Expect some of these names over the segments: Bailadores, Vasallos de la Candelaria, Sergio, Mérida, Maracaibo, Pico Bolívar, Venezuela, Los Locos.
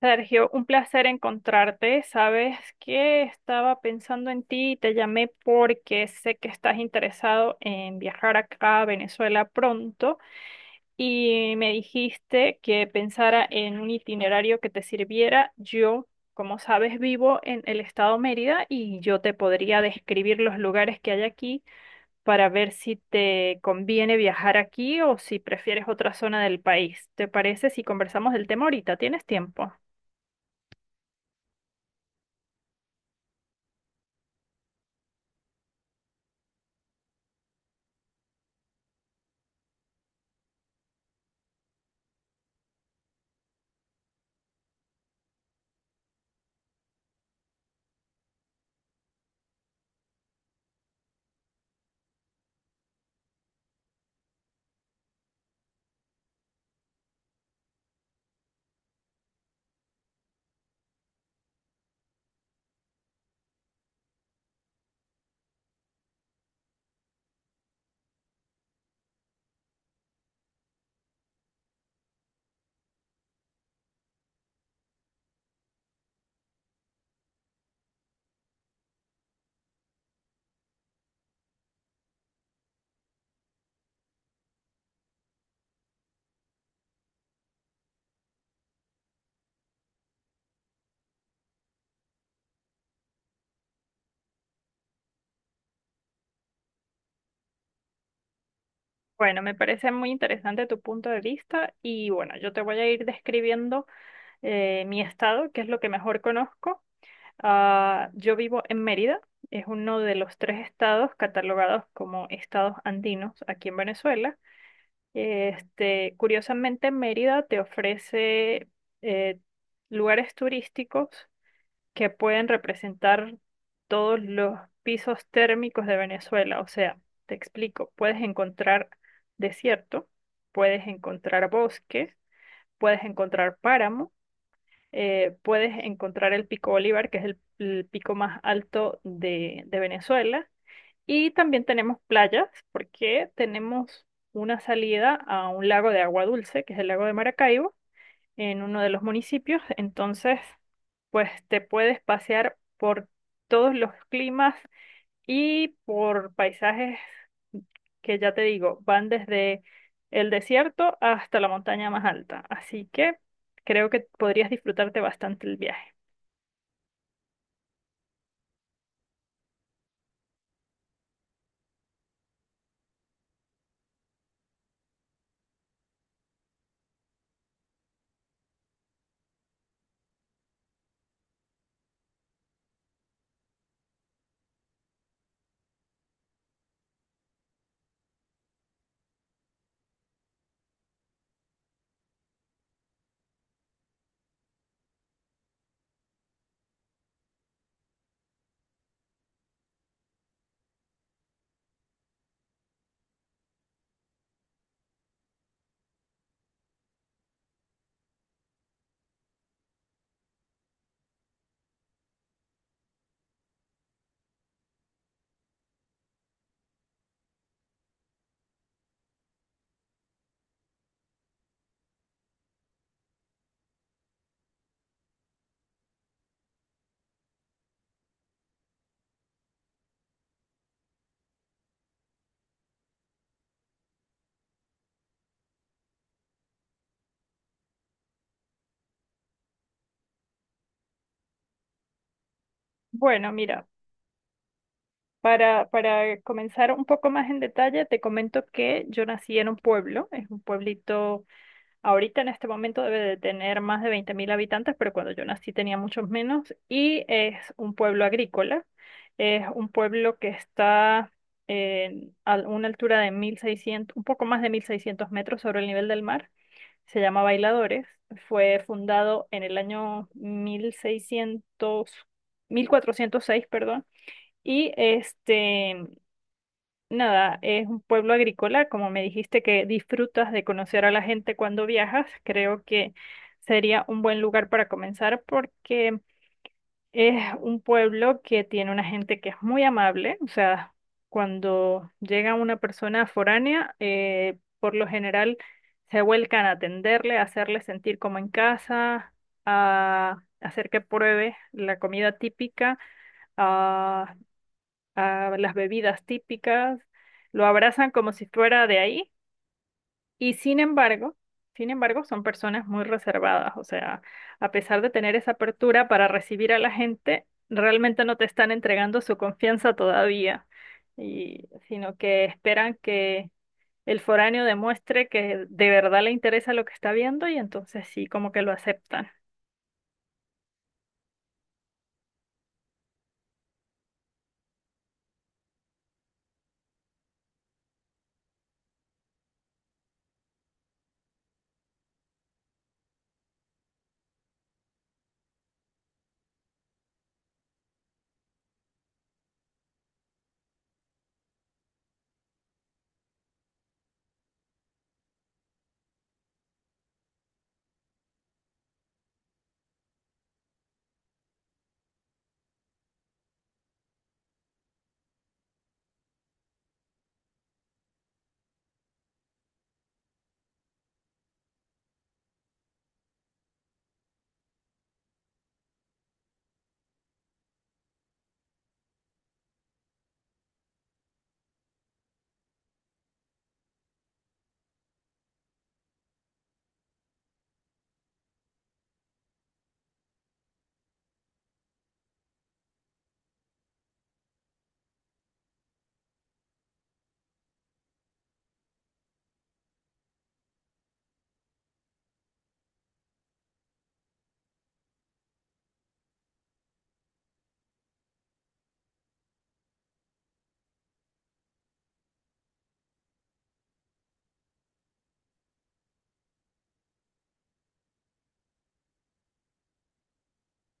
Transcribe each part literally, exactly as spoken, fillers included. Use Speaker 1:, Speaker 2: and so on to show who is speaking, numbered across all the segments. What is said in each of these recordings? Speaker 1: Sergio, un placer encontrarte. Sabes que estaba pensando en ti y te llamé porque sé que estás interesado en viajar acá a Venezuela pronto y me dijiste que pensara en un itinerario que te sirviera. Yo, como sabes, vivo en el estado Mérida y yo te podría describir los lugares que hay aquí para ver si te conviene viajar aquí o si prefieres otra zona del país. ¿Te parece si conversamos del tema ahorita? ¿Tienes tiempo? Bueno, me parece muy interesante tu punto de vista y bueno, yo te voy a ir describiendo eh, mi estado, que es lo que mejor conozco. Ah, yo vivo en Mérida, es uno de los tres estados catalogados como estados andinos aquí en Venezuela. Este, curiosamente, Mérida te ofrece eh, lugares turísticos que pueden representar todos los pisos térmicos de Venezuela. O sea, te explico, puedes encontrar desierto, puedes encontrar bosques, puedes encontrar páramo, eh, puedes encontrar el Pico Bolívar, que es el, el pico más alto de, de Venezuela. Y también tenemos playas, porque tenemos una salida a un lago de agua dulce, que es el lago de Maracaibo en uno de los municipios, entonces pues te puedes pasear por todos los climas y por paisajes que ya te digo, van desde el desierto hasta la montaña más alta, así que creo que podrías disfrutarte bastante el viaje. Bueno, mira, para, para comenzar un poco más en detalle, te comento que yo nací en un pueblo, es un pueblito. Ahorita en este momento debe de tener más de veinte mil habitantes, pero cuando yo nací tenía muchos menos. Y es un pueblo agrícola. Es un pueblo que está en- a una altura de mil seiscientos, un poco más de mil seiscientos metros sobre el nivel del mar. Se llama Bailadores. Fue fundado en el año mil mil seiscientos mil cuatrocientos seis, perdón. Y este, nada, es un pueblo agrícola, como me dijiste que disfrutas de conocer a la gente cuando viajas, creo que sería un buen lugar para comenzar porque es un pueblo que tiene una gente que es muy amable, o sea, cuando llega una persona foránea, eh, por lo general se vuelcan a atenderle, a hacerle sentir como en casa, a hacer que pruebe la comida típica, a a las bebidas típicas, lo abrazan como si fuera de ahí y sin embargo, sin embargo, son personas muy reservadas, o sea, a pesar de tener esa apertura para recibir a la gente, realmente no te están entregando su confianza todavía, y, sino que esperan que el foráneo demuestre que de verdad le interesa lo que está viendo y entonces sí, como que lo aceptan.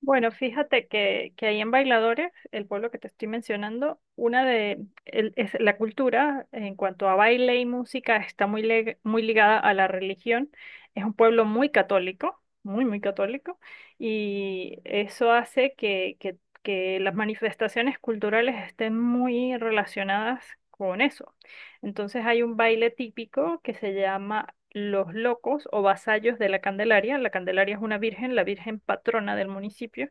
Speaker 1: Bueno, fíjate que, que ahí en Bailadores, el pueblo que te estoy mencionando, una de el- es la cultura en cuanto a baile y música está muy, leg- muy ligada a la religión. Es un pueblo muy católico, muy, muy católico, y eso hace que, que, que las manifestaciones culturales estén muy relacionadas con eso. Entonces hay un baile típico que se llama Los Locos o Vasallos de la Candelaria. La Candelaria es una virgen, la virgen patrona del municipio,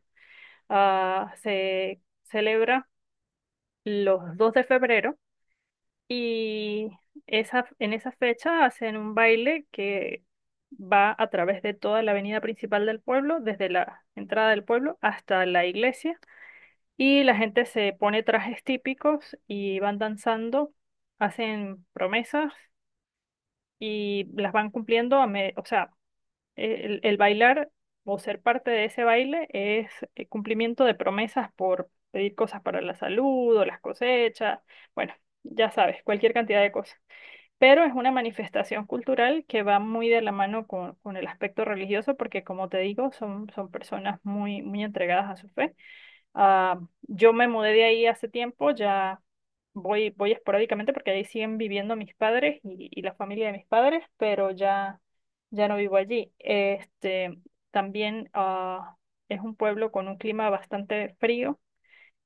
Speaker 1: ah, se celebra los dos de febrero y esa, en esa fecha hacen un baile que va a través de toda la avenida principal del pueblo, desde la entrada del pueblo hasta la iglesia. Y la gente se pone trajes típicos y van danzando, hacen promesas y las van cumpliendo a me- o sea, el, el bailar o ser parte de ese baile es eh, cumplimiento de promesas por pedir cosas para la salud o las cosechas, bueno, ya sabes, cualquier cantidad de cosas. Pero es una manifestación cultural que va muy de la mano con, con el aspecto religioso porque, como te digo, son, son personas muy, muy entregadas a su fe. Ah, yo me mudé de ahí hace tiempo, ya voy, voy esporádicamente porque ahí siguen viviendo mis padres y, y la familia de mis padres, pero ya, ya no vivo allí. Este, también ah, es un pueblo con un clima bastante frío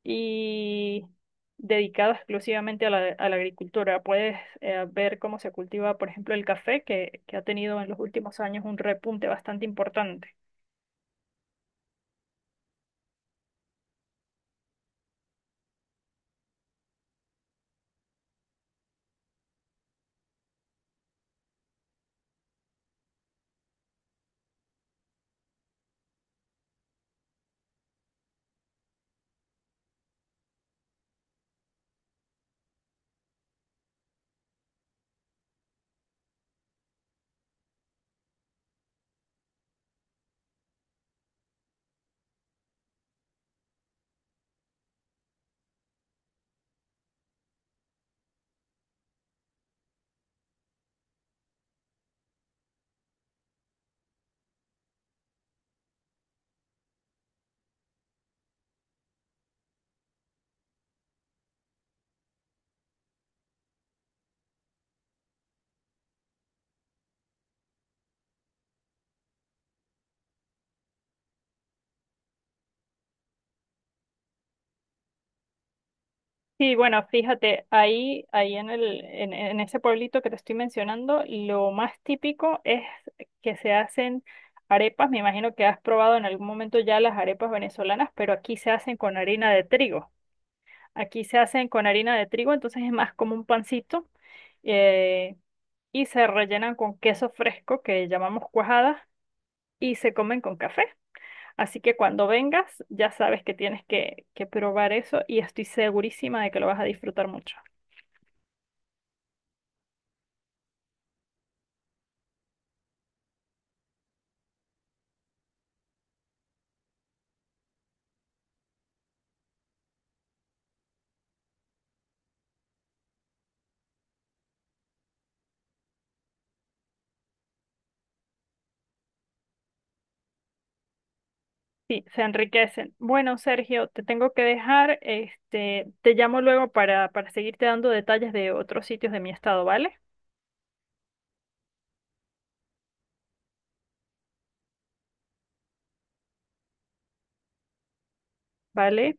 Speaker 1: y dedicado exclusivamente a la, a la agricultura. Puedes eh, ver cómo se cultiva, por ejemplo, el café, que, que ha tenido en los últimos años un repunte bastante importante. Sí, bueno, fíjate, ahí, ahí en el, en, en ese pueblito que te estoy mencionando, lo más típico es que se hacen arepas. Me imagino que has probado en algún momento ya las arepas venezolanas, pero aquí se hacen con harina de trigo. Aquí se hacen con harina de trigo, entonces es más como un pancito, eh, y se rellenan con queso fresco que llamamos cuajada y se comen con café. Así que cuando vengas, ya sabes que tienes que, que probar eso y estoy segurísima de que lo vas a disfrutar mucho. Sí, se enriquecen. Bueno, Sergio, te tengo que dejar. Este, te llamo luego para, para seguirte dando detalles de otros sitios de mi estado, ¿vale? Vale.